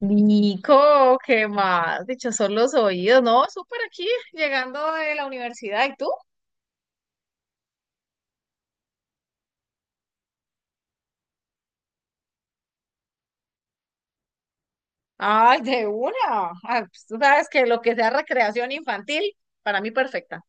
Nico, ¿qué más? Dicho son los oídos, ¿no? Súper aquí, llegando de la universidad. ¿Y tú? Ay, de una. Tú sabes que lo que sea recreación infantil, para mí perfecta.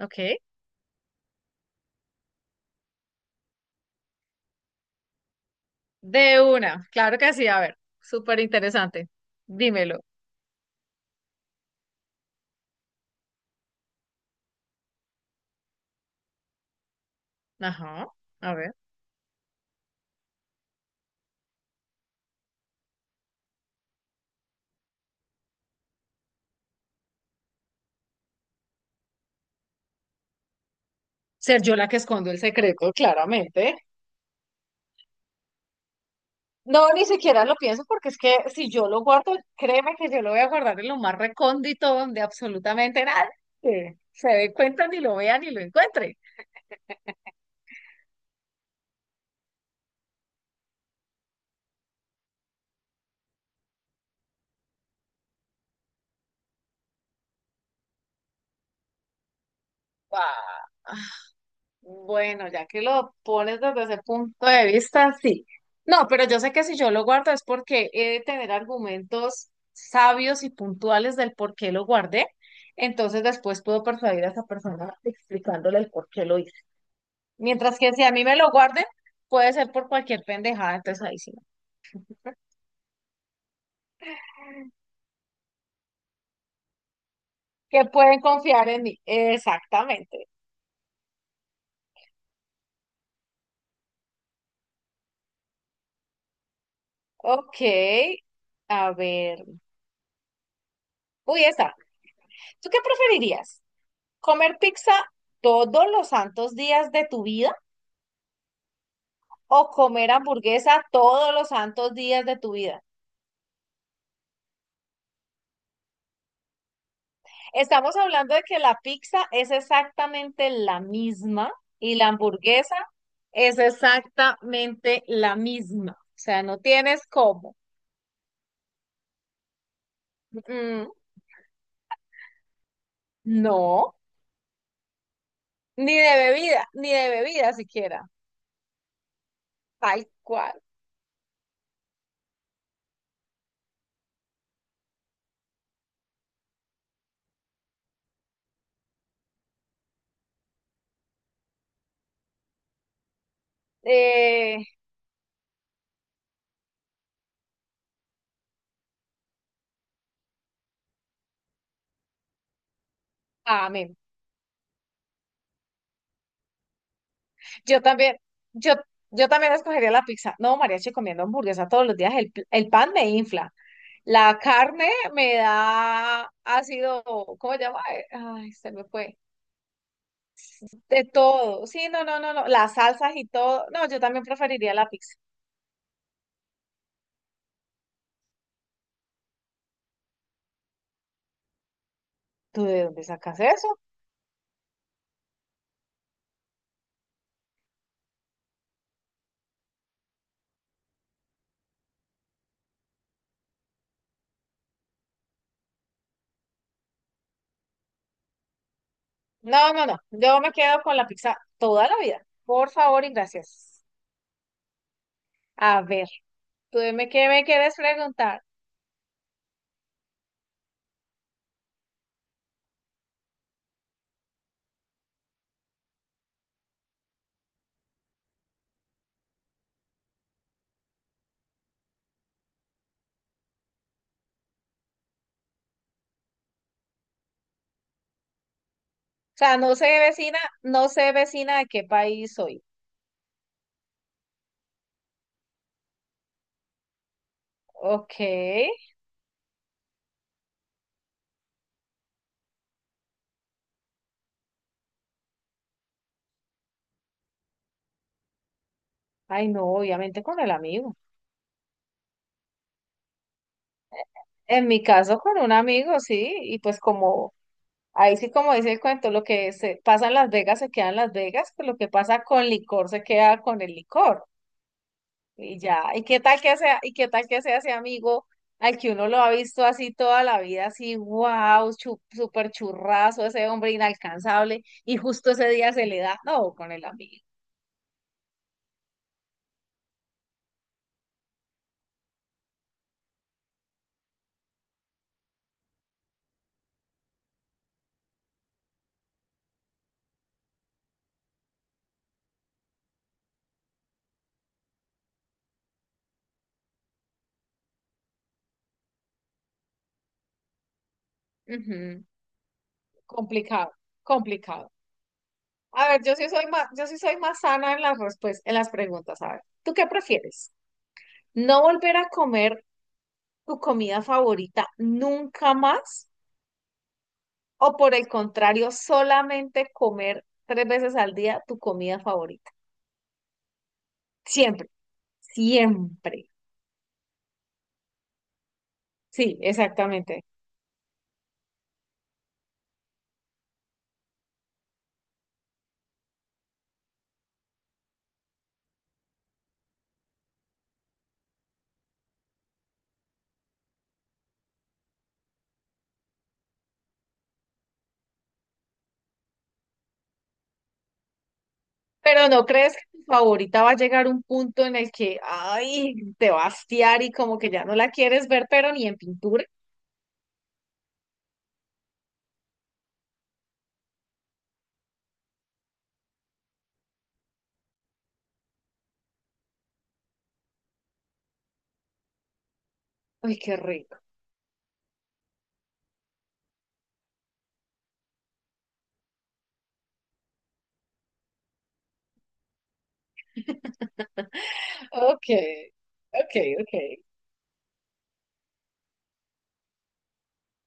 Ok. De una. Claro que sí. A ver, súper interesante. Dímelo. Ajá. A ver. Ser yo la que escondo el secreto, claramente. No, ni siquiera lo pienso porque es que si yo lo guardo, créeme que yo lo voy a guardar en lo más recóndito donde absolutamente nadie se dé cuenta ni lo vea ni lo encuentre. Ah, Bueno, ya que lo pones desde ese punto de vista, sí. No, pero yo sé que si yo lo guardo es porque he de tener argumentos sabios y puntuales del por qué lo guardé. Entonces después puedo persuadir a esa persona explicándole el por qué lo hice. Mientras que si a mí me lo guarden, puede ser por cualquier pendejada, entonces ahí sí. Que pueden confiar en mí. Exactamente. Ok, a ver. Uy, esta. ¿Tú qué preferirías? ¿Comer pizza todos los santos días de tu vida o comer hamburguesa todos los santos días de tu vida? Estamos hablando de que la pizza es exactamente la misma y la hamburguesa es exactamente la misma. O sea, no tienes cómo. Mm, no, ni de bebida siquiera. Tal cual. Eh, amén. Yo también, yo, yo también escogería la pizza. No, mariachi comiendo hamburguesa todos los días. El pan me infla. La carne me da ácido, ¿cómo se llama? Ay, se me fue. De todo. Sí, no, no, no, no. Las salsas y todo. No, yo también preferiría la pizza. ¿Tú de dónde sacas eso? No, no, no. Yo me quedo con la pizza toda la vida. Por favor y gracias. A ver, ¿qué me quieres preguntar? Sea, no sé vecina, no sé vecina de qué país soy. Ok. Ay, no, obviamente con el amigo. En mi caso, con un amigo, sí. Ahí sí como dice el cuento, lo que se pasa en Las Vegas se queda en Las Vegas, pues lo que pasa con licor se queda con el licor. Y ya, ¿y qué tal que sea ese amigo al que uno lo ha visto así toda la vida, así, wow, súper churrazo, ese hombre inalcanzable, y justo ese día se le da, no, con el amigo. Ujú. Complicado, complicado. A ver, yo sí soy más sana en las respuestas, en las preguntas. A ver, ¿tú qué prefieres? ¿No volver a comer tu comida favorita nunca más? ¿O por el contrario, solamente comer tres veces al día tu comida favorita? Siempre, siempre. Sí, exactamente. Pero ¿no crees que tu favorita va a llegar un punto en el que, ay, te va a hastiar y como que ya no la quieres ver, pero ni en pintura? Ay, qué rico. Ok, ok, ok.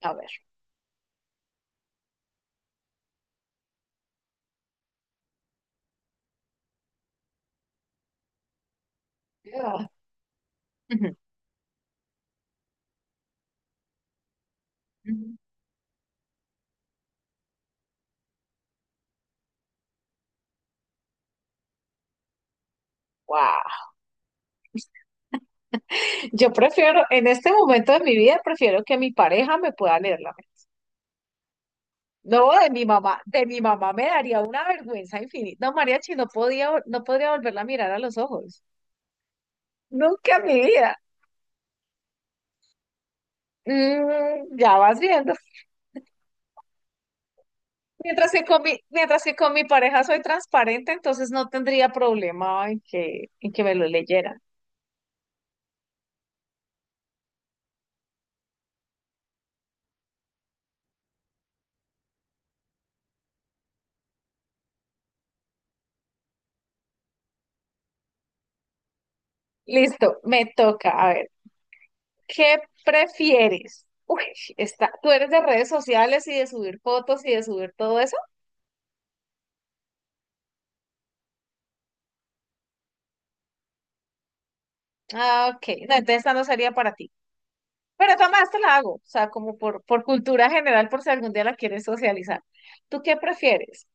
A ver. Ah, ujú, ujú. Guau. Yo prefiero, en este momento de mi vida, prefiero que mi pareja me pueda leer la mente. No, de mi mamá me daría una vergüenza infinita. No, Mariachi, no podría volverla a mirar a los ojos. Nunca en mi vida. Mm, ya vas viendo. Mientras que con mi pareja soy transparente, entonces no tendría problema en que me lo leyera. Listo, me toca. A ver. ¿Qué prefieres? Uy, está, ¿tú eres de redes sociales y de subir fotos y de subir todo eso? Ah, ok. No, entonces esta no sería para ti. Pero Tomás, te la hago. O sea, por cultura general, por si algún día la quieres socializar. ¿Tú qué prefieres?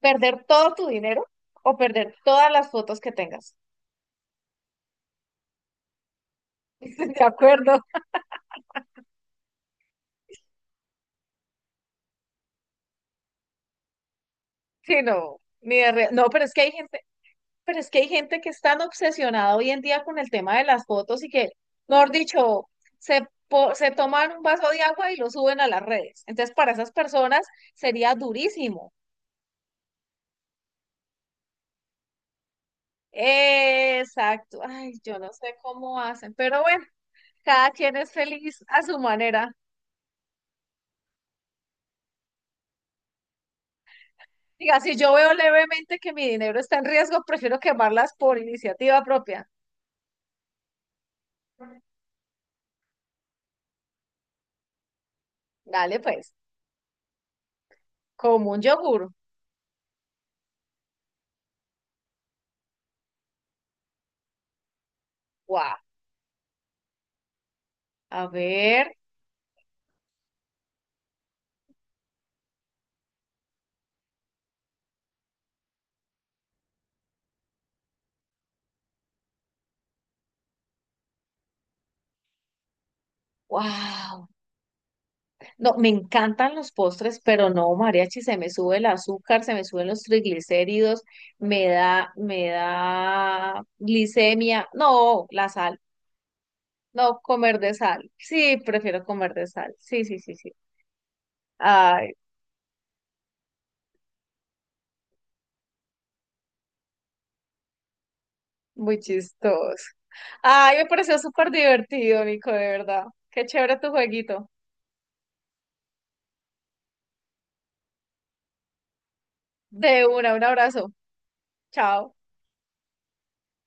¿Perder todo tu dinero o perder todas las fotos que tengas? ¿De acuerdo? Sí, no. Ni de re- No, pero es que hay gente. Pero es que hay gente que es tan obsesionada hoy en día con el tema de las fotos y que, mejor dicho, se toman un vaso de agua y lo suben a las redes. Entonces, para esas personas sería durísimo. Exacto. Ay, yo no sé cómo hacen, pero bueno, cada quien es feliz a su manera. Diga, si yo veo levemente que mi dinero está en riesgo, prefiero quemarlas por iniciativa propia. Dale, pues, como un yogur. Guau. A ver. Wow. No, me encantan los postres, pero no, mariachi, se me sube el azúcar, se me suben los triglicéridos, me da glicemia. No, la sal, no, comer de sal. Sí, prefiero comer de sal. Sí, sí, sí, sí. Ay, muy chistoso. Ay, me pareció súper divertido, Nico, de verdad. Qué chévere tu jueguito. De una, un abrazo. Chao.